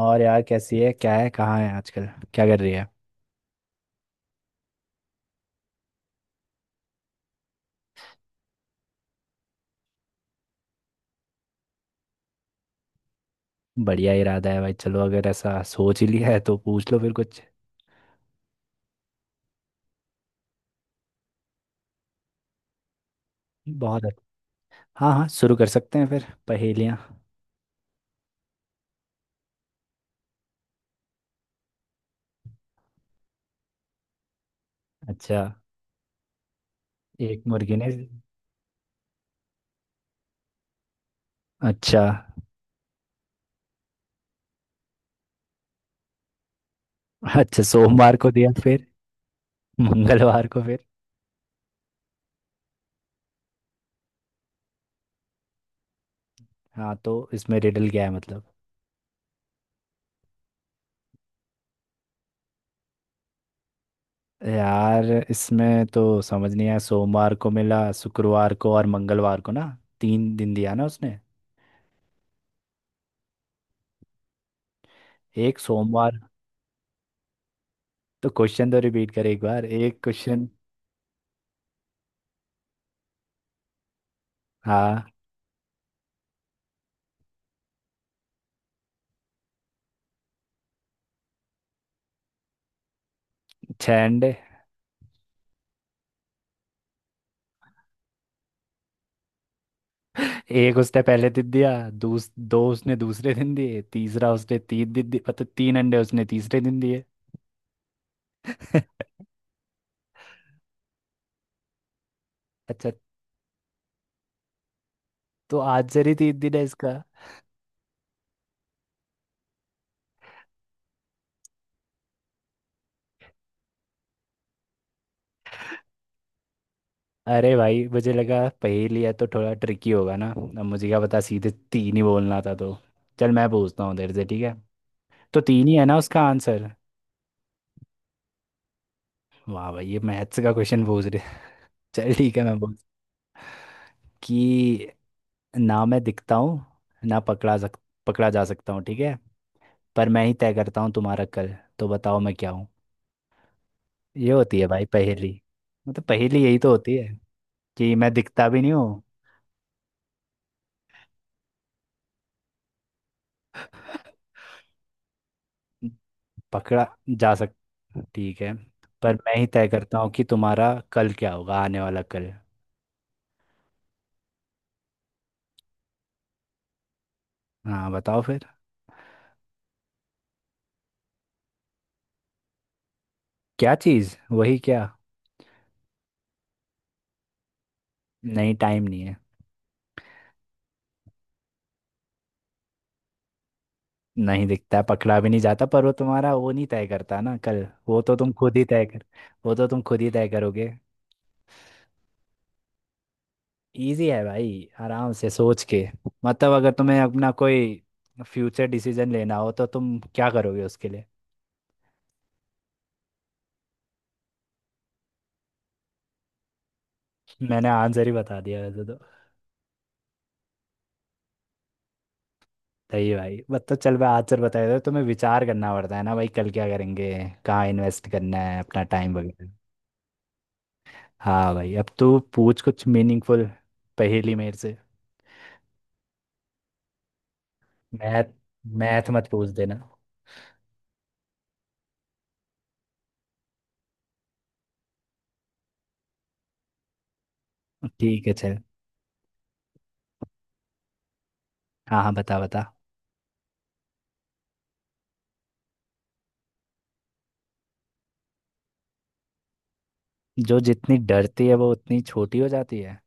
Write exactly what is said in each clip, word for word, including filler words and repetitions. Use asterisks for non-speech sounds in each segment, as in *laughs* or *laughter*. और यार, कैसी है, क्या है, कहाँ है आजकल? क्या कर रही है? बढ़िया इरादा है भाई। चलो, अगर ऐसा सोच ही लिया है तो पूछ लो फिर कुछ। बहुत अच्छा। हाँ हाँ, शुरू कर सकते हैं फिर पहेलियाँ। अच्छा। एक मुर्गी ने। अच्छा। अच्छा, सोमवार को दिया। फिर? मंगलवार को? फिर? हाँ, तो इसमें रिडल क्या है मतलब? यार, इसमें तो समझ नहीं आया। सोमवार को मिला, शुक्रवार को और मंगलवार को ना। तीन दिन दिया ना उसने। एक सोमवार। तो क्वेश्चन तो रिपीट कर एक बार, एक क्वेश्चन। हाँ, छह अंडे। एक उसने पहले दिन दिया, दूस, दो उसने दूसरे दिन दिए, तीसरा उसने तीन दिन दिए, मतलब तीन अंडे उसने तीसरे दिन दिए। *laughs* अच्छा। तो आज ही तीन दिन है इसका। अरे भाई, मुझे लगा पहेली है तो थोड़ा ट्रिकी होगा ना। अब मुझे क्या पता, सीधे तीन ही बोलना था तो। चल, मैं पूछता हूँ उधर से, ठीक है? तो तीन ही है ना उसका आंसर? वाह भाई, ये मैथ्स का क्वेश्चन पूछ रहे हैं। चल ठीक है, मैं बोल कि, ना मैं दिखता हूँ, ना पकड़ा सक पकड़ा जा सकता हूँ, ठीक है? पर मैं ही तय करता हूँ तुम्हारा कल। तो बताओ, मैं क्या हूँ? ये होती है भाई पहेली। मतलब पहेली यही तो होती है। कि मैं दिखता भी नहीं हूँ, पकड़ा जा सक ठीक है, पर मैं ही तय करता हूँ कि तुम्हारा कल क्या होगा, आने वाला कल। हाँ, बताओ फिर। क्या चीज़? वही क्या? नहीं, टाइम नहीं है। नहीं दिखता है, पकड़ा भी नहीं जाता, पर वो तुम्हारा वो नहीं तय करता ना कल, वो तो तुम खुद ही तय कर वो तो तुम खुद ही तय करोगे। इजी है भाई, आराम से सोच के। मतलब अगर तुम्हें अपना कोई फ्यूचर डिसीजन लेना हो, तो तुम क्या करोगे उसके लिए? मैंने आंसर ही बता दिया वैसे तो। सही है भाई। मतलब चल, मैं आंसर बता देता हूँ, तुम्हें विचार करना पड़ता है ना भाई, कल क्या करेंगे, कहाँ इन्वेस्ट करना है अपना टाइम वगैरह। हाँ भाई, अब तू पूछ कुछ मीनिंगफुल पहेली मेरे से। मैथ, मैथ मत पूछ देना। ठीक है, चल। हाँ हाँ, बता बता। जो जितनी डरती है वो उतनी छोटी हो जाती है?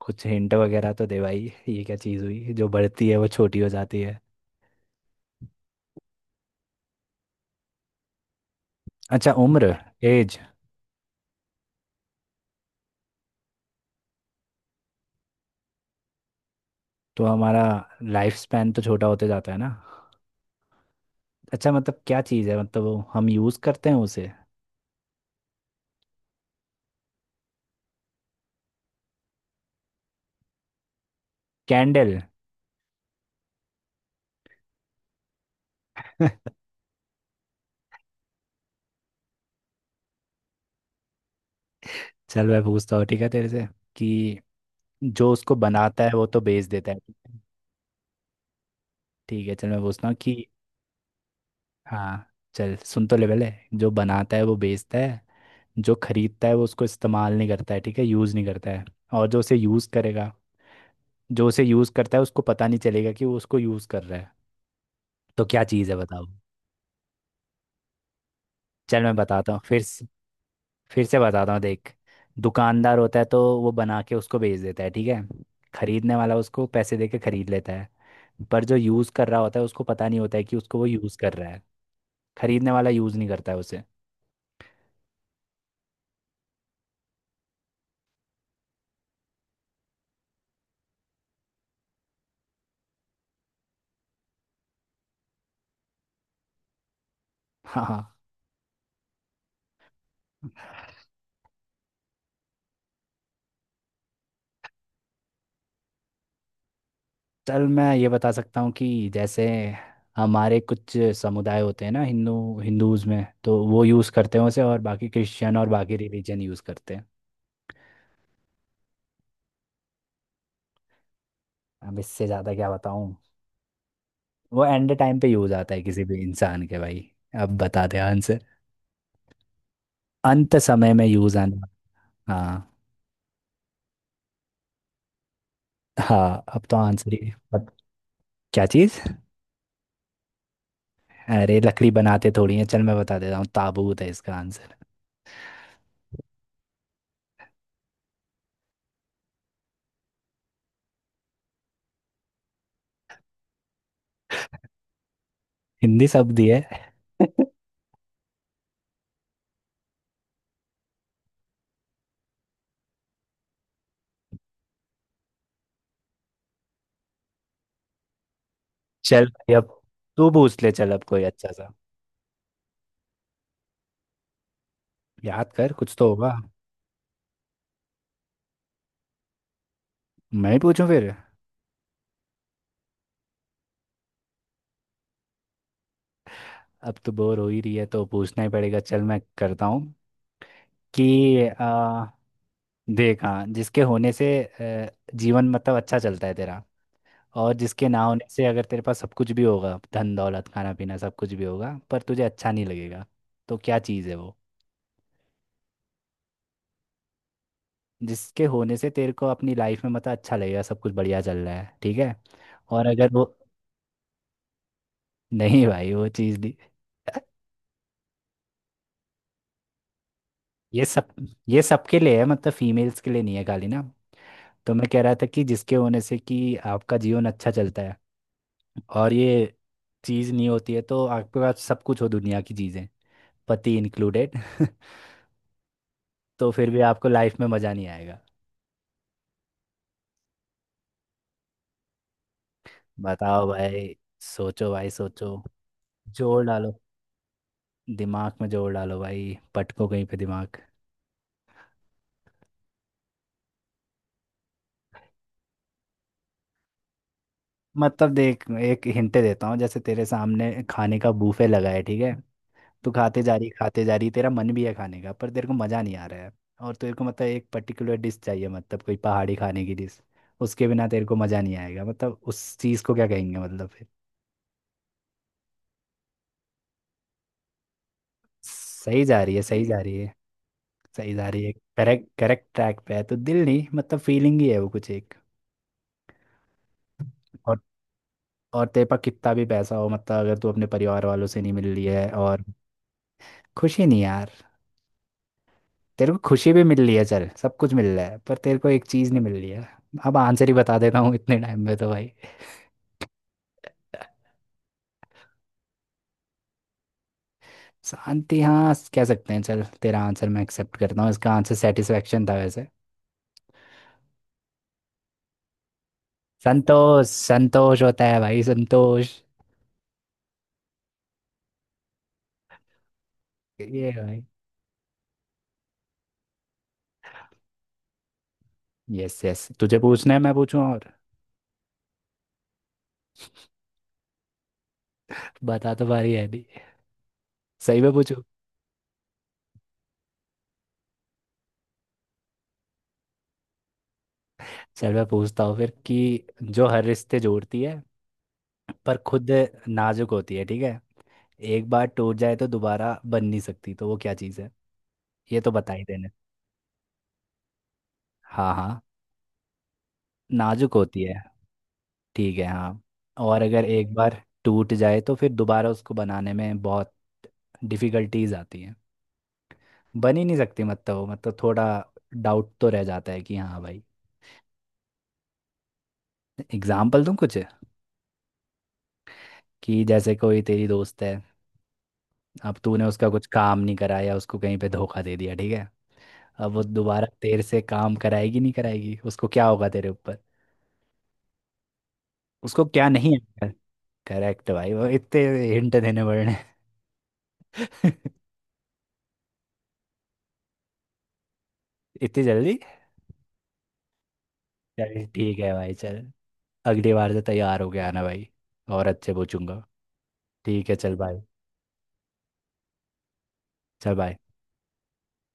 कुछ हिंट वगैरह तो दे भाई, ये क्या चीज़ हुई जो बढ़ती है वो छोटी हो जाती है? अच्छा, उम्र? एज? तो हमारा लाइफ स्पैन तो छोटा होते जाता है ना। अच्छा, मतलब क्या चीज़ है? मतलब वो हम यूज़ करते हैं उसे? कैंडल? *laughs* चल, मैं पूछता हूँ, ठीक है तेरे से? कि जो उसको बनाता है वो तो बेच देता है। ठीक है, चल मैं पूछता हूँ कि, हाँ, चल सुन। तो लेवल है, जो बनाता है वो बेचता है, जो खरीदता है वो उसको इस्तेमाल नहीं करता है, ठीक है, यूज़ नहीं करता है, और जो उसे यूज़ करेगा, जो उसे यूज करता है उसको पता नहीं चलेगा कि वो उसको यूज कर रहा है। तो क्या चीज है, बताओ? चल मैं बताता हूँ फिर से- फिर से बताता हूँ, देख। दुकानदार होता है तो वो बना के उसको बेच देता है, ठीक है। खरीदने वाला उसको पैसे दे के खरीद लेता है। पर जो यूज कर रहा होता है उसको पता नहीं होता है कि उसको वो यूज कर रहा है। खरीदने वाला यूज नहीं करता है उसे। हाँ हाँ। चल मैं ये बता सकता हूँ कि जैसे हमारे कुछ समुदाय होते हैं ना, हिंदू, हिंदूज में तो वो यूज़ करते हैं उसे, और बाकी क्रिश्चियन और बाकी रिलीजन यूज़ करते हैं। अब इससे ज्यादा क्या बताऊं। वो एंड टाइम पे यूज आता है किसी भी इंसान के, भाई। अब बता दे आंसर। अंत समय में यूज आना। हाँ, हाँ, अब तो आंसर ही बट। क्या चीज? अरे लकड़ी बनाते थोड़ी है। चल मैं बता देता हूँ, ताबूत है इसका आंसर। हिंदी शब्द ही है। चल भाई, अब तू पूछ ले चल, अब कोई अच्छा सा। याद कर, कुछ तो होगा। मैं ही पूछूं फिर? अब तो बोर हो ही रही है तो पूछना ही पड़ेगा। चल मैं करता हूँ कि आ, देख, हाँ, जिसके होने से अ, जीवन मतलब अच्छा चलता है तेरा, और जिसके ना होने से अगर तेरे पास सब कुछ भी होगा, धन दौलत, खाना पीना, सब कुछ भी होगा, पर तुझे अच्छा नहीं लगेगा। तो क्या चीज़ है वो? जिसके होने से तेरे को अपनी लाइफ में मतलब अच्छा लगेगा, सब कुछ बढ़िया चल रहा है, ठीक है? और अगर वो *laughs* नहीं भाई, वो चीज़ नहीं। *laughs* ये सब, ये सबके लिए है मतलब, फीमेल्स के लिए नहीं है खाली ना। तो मैं कह रहा था कि जिसके होने से कि आपका जीवन अच्छा चलता है, और ये चीज़ नहीं होती है तो आपके पास सब कुछ हो दुनिया की चीज़ें, पति इंक्लूडेड *laughs* तो फिर भी आपको लाइफ में मज़ा नहीं आएगा। बताओ भाई। सोचो भाई सोचो। जोर डालो, दिमाग में जोर डालो भाई, पटको कहीं पे दिमाग। मतलब देख, एक हिंट देता हूँ। जैसे तेरे सामने खाने का बूफे लगा है, ठीक है। तू खाते जा रही, खाते जा रही, तेरा मन भी है खाने का, पर तेरे को मज़ा नहीं आ रहा है। और तेरे को मतलब एक पर्टिकुलर डिश चाहिए, मतलब कोई पहाड़ी खाने की डिश। उसके बिना तेरे को मज़ा नहीं आएगा, मतलब उस चीज़ को क्या कहेंगे मतलब फिर? सही जा रही है, सही जा रही है। सही जा रही है। करेक्ट, करेक्ट ट्रैक पे है, तो दिल नहीं, मतलब फीलिंग ही है वो कुछ एक। और और तेरे पास कितना भी पैसा हो, मतलब अगर तू अपने परिवार वालों से नहीं मिल रही है, और खुशी नहीं यार। तेरे को खुशी भी मिल रही है, चल सब कुछ मिल रहा है, पर तेरे को एक चीज़ नहीं मिल रही है। अब आंसर ही बता देता हूँ इतने टाइम में तो, भाई। शांति, हाँ, कह सकते हैं। चल तेरा आंसर मैं एक्सेप्ट करता हूँ, इसका आंसर सेटिस्फेक्शन था वैसे। संतोष, संतोष होता है भाई, संतोष। ये भाई, यस यस, तुझे पूछना है, मैं पूछूं और? बता तो पा रही है अभी, सही में पूछू? चल मैं पूछता हूँ फिर कि, जो हर रिश्ते जोड़ती है पर खुद नाजुक होती है, ठीक है, एक बार टूट जाए तो दोबारा बन नहीं सकती, तो वो क्या चीज़ है? ये तो बता ही देने। हाँ हाँ, नाजुक होती है, ठीक है, हाँ। और अगर एक बार टूट जाए तो फिर दोबारा उसको बनाने में बहुत डिफिकल्टीज आती हैं, बन ही नहीं सकती, मतलब वो मतलब थोड़ा डाउट तो रह जाता है कि, हाँ भाई। एग्जाम्पल दूँ कुछ? कि जैसे कोई तेरी दोस्त है, अब तूने उसका कुछ काम नहीं कराया, उसको कहीं पे धोखा दे दिया, ठीक है। अब वो दोबारा तेरे से काम कराएगी? नहीं कराएगी। उसको क्या होगा तेरे ऊपर? उसको क्या नहीं आता? करेक्ट भाई, वो इतने हिंट देने पड़ने। *laughs* इतनी जल्दी? चल ठीक है भाई, चल। अगली बार से तैयार होके आना भाई, और अच्छे पूछूंगा। ठीक है, चल भाई। चल भाई।